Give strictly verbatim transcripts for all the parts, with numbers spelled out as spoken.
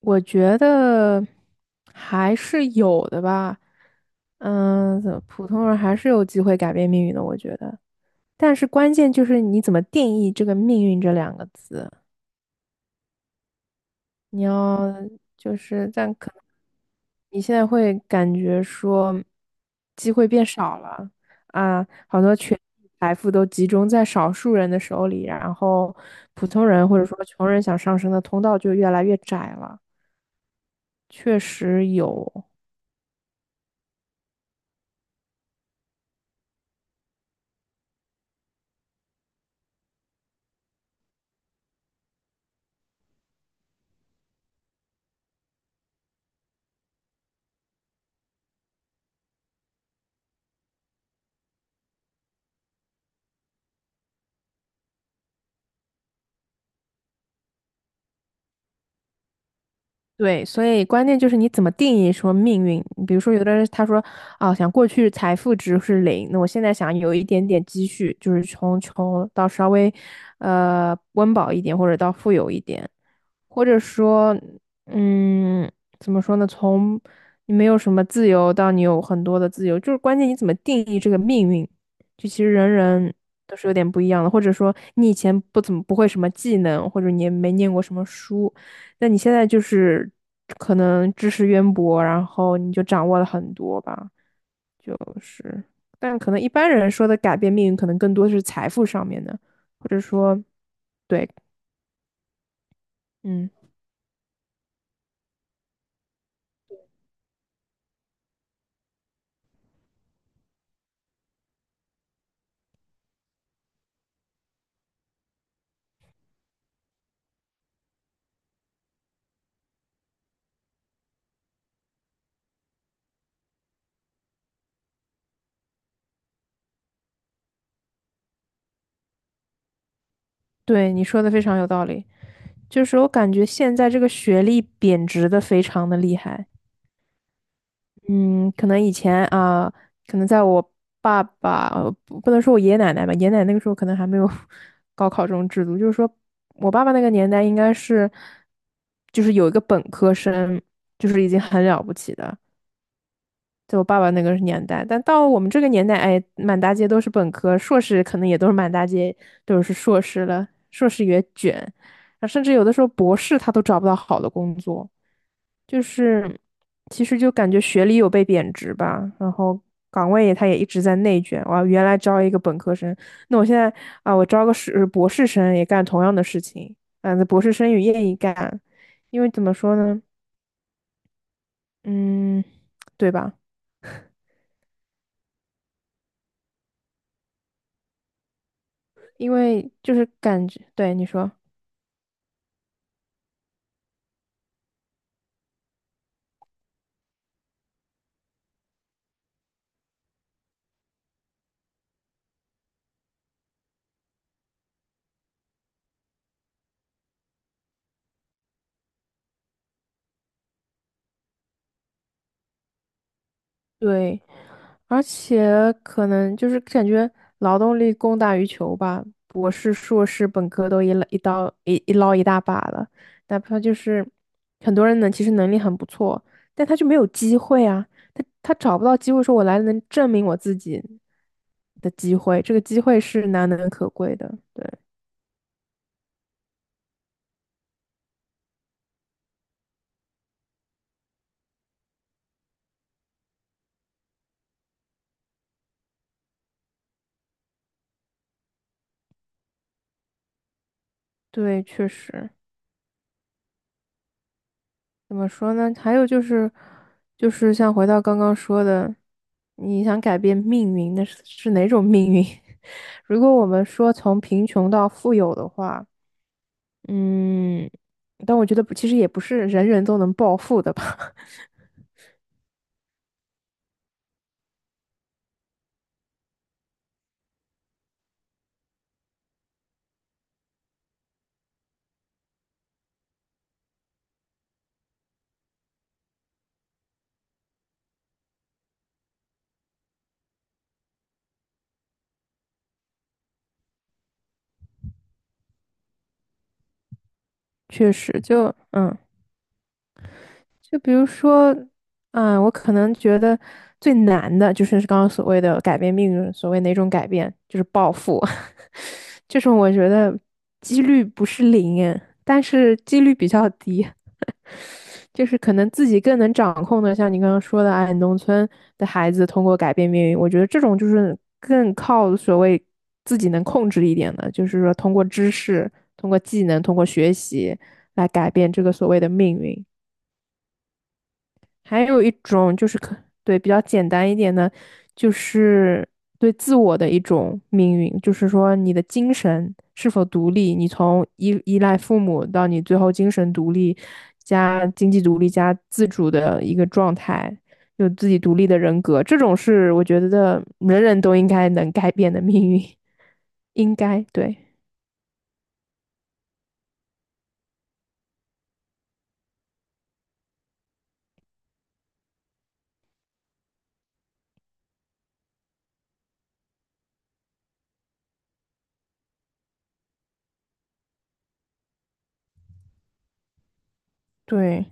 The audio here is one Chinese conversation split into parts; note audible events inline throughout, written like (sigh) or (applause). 我觉得还是有的吧。嗯，怎么普通人还是有机会改变命运的，我觉得。但是关键就是你怎么定义这个"命运"这两个字。你要就是，但可能你现在会感觉说机会变少了啊，好多权力财富都集中在少数人的手里，然后普通人或者说穷人想上升的通道就越来越窄了。确实有。对，所以关键就是你怎么定义说命运。比如说，有的人他说啊，想过去财富值是零，那我现在想有一点点积蓄，就是从穷到稍微呃温饱一点，或者到富有一点。或者说，嗯，怎么说呢？从你没有什么自由到你有很多的自由，就是关键你怎么定义这个命运，就其实人人都是有点不一样的。或者说，你以前不怎么不会什么技能，或者你也没念过什么书，那你现在就是可能知识渊博，然后你就掌握了很多吧，就是。但可能一般人说的改变命运，可能更多是财富上面的，或者说，对，嗯，对，你说的非常有道理。就是我感觉现在这个学历贬值的非常的厉害。嗯，可能以前啊，可能在我爸爸，呃不不能说我爷爷奶奶吧，爷爷奶奶那个时候可能还没有 (laughs) 高考这种制度，就是说我爸爸那个年代应该是，就是有一个本科生，就是已经很了不起的，在我爸爸那个年代。但到我们这个年代，哎，满大街都是本科，硕士可能也都是满大街都是硕士了，硕士也卷，啊甚至有的时候博士他都找不到好的工作。就是其实就感觉学历有被贬值吧，然后岗位也它也一直在内卷。我原来招一个本科生，那我现在啊，我招个是博士生也干同样的事情，嗯、那博士生也愿意干，因为怎么说呢，嗯，对吧？因为就是感觉，对你说。对，而且可能就是感觉劳动力供大于求吧，博士、硕士、本科都一捞一刀一一捞一大把了，哪怕就是很多人呢，其实能力很不错，但他就没有机会啊，他他找不到机会，说我来能证明我自己的机会，这个机会是难能可贵的，对对，确实。怎么说呢？还有就是，就是像回到刚刚说的，你想改变命运，那是是哪种命运？(laughs) 如果我们说从贫穷到富有的话，嗯，但我觉得不其实也不是人人都能暴富的吧，(laughs) 确实就嗯。就比如说，嗯，我可能觉得最难的就是刚刚所谓的改变命运，所谓哪种改变，就是暴富，(laughs) 这种我觉得几率不是零耶但是几率比较低，就是可能自己更能掌控的，像你刚刚说的，哎，农村的孩子通过改变命运，我觉得这种就是更靠所谓自己能控制一点的，就是说通过知识、通过技能、通过学习来改变这个所谓的命运。还有一种就是可，对，比较简单一点的，就是对自我的一种命运，就是说你的精神是否独立，你从依依赖父母到你最后精神独立加经济独立加自主的一个状态，有自己独立的人格，这种是我觉得人人都应该能改变的命运，应该，对，对，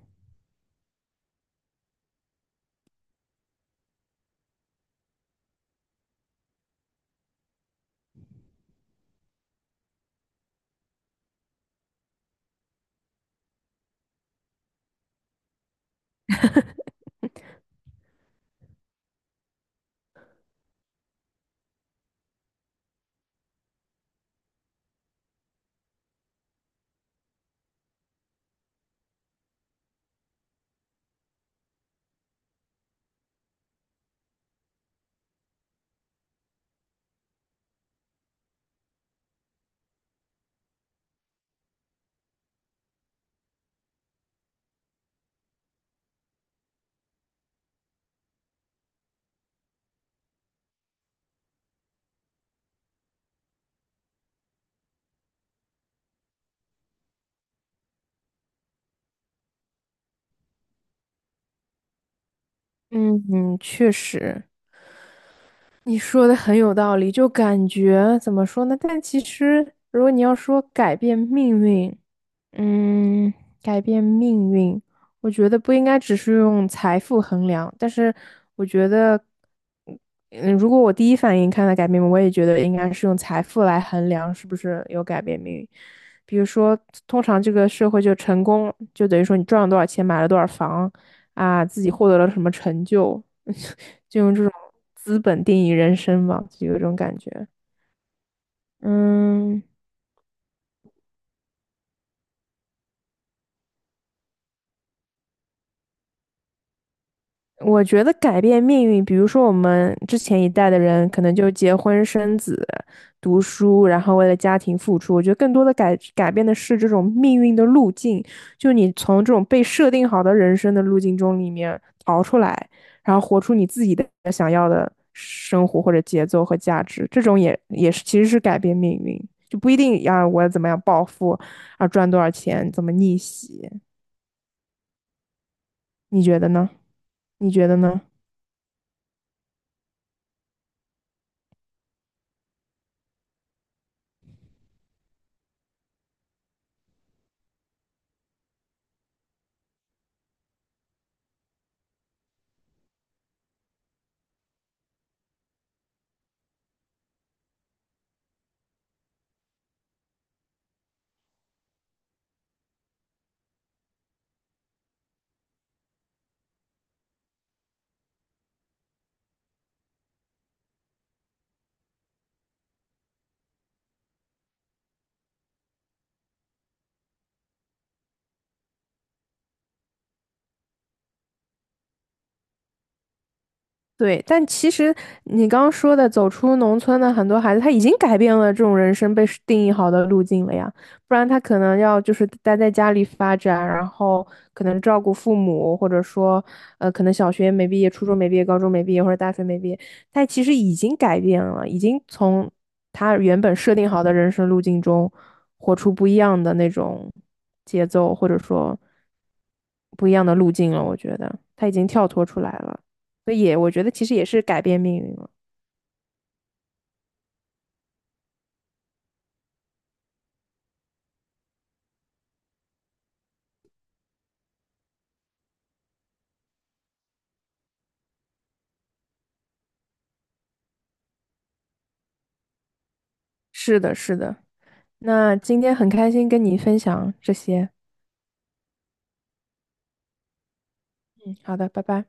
嗯嗯，确实。你说的很有道理，就感觉怎么说呢？但其实，如果你要说改变命运，嗯，改变命运，我觉得不应该只是用财富衡量，但是我觉得，嗯，嗯如果我第一反应看到改变命运，我也觉得应该是用财富来衡量是不是有改变命运。比如说，通常这个社会就成功，就等于说你赚了多少钱，买了多少房，啊，自己获得了什么成就，(laughs) 就用这种资本定义人生嘛，就有这种感觉。嗯。我觉得改变命运，比如说我们之前一代的人，可能就结婚生子、读书，然后为了家庭付出。我觉得更多的改改变的是这种命运的路径，就你从这种被设定好的人生的路径中里面逃出来，然后活出你自己的想要的生活或者节奏和价值。这种也也是其实是改变命运，就不一定要我怎么样暴富啊，赚多少钱，怎么逆袭。你觉得呢？你觉得呢？对，但其实你刚刚说的走出农村的很多孩子，他已经改变了这种人生被是定义好的路径了呀，不然他可能要就是待在家里发展，然后可能照顾父母，或者说，呃，可能小学没毕业、初中没毕业、高中没毕业或者大学没毕业，他其实已经改变了，已经从他原本设定好的人生路径中活出不一样的那种节奏，或者说不一样的路径了。我觉得他已经跳脱出来了。所以也我觉得其实也是改变命运了。是的，是的。那今天很开心跟你分享这些。嗯，好的，拜拜。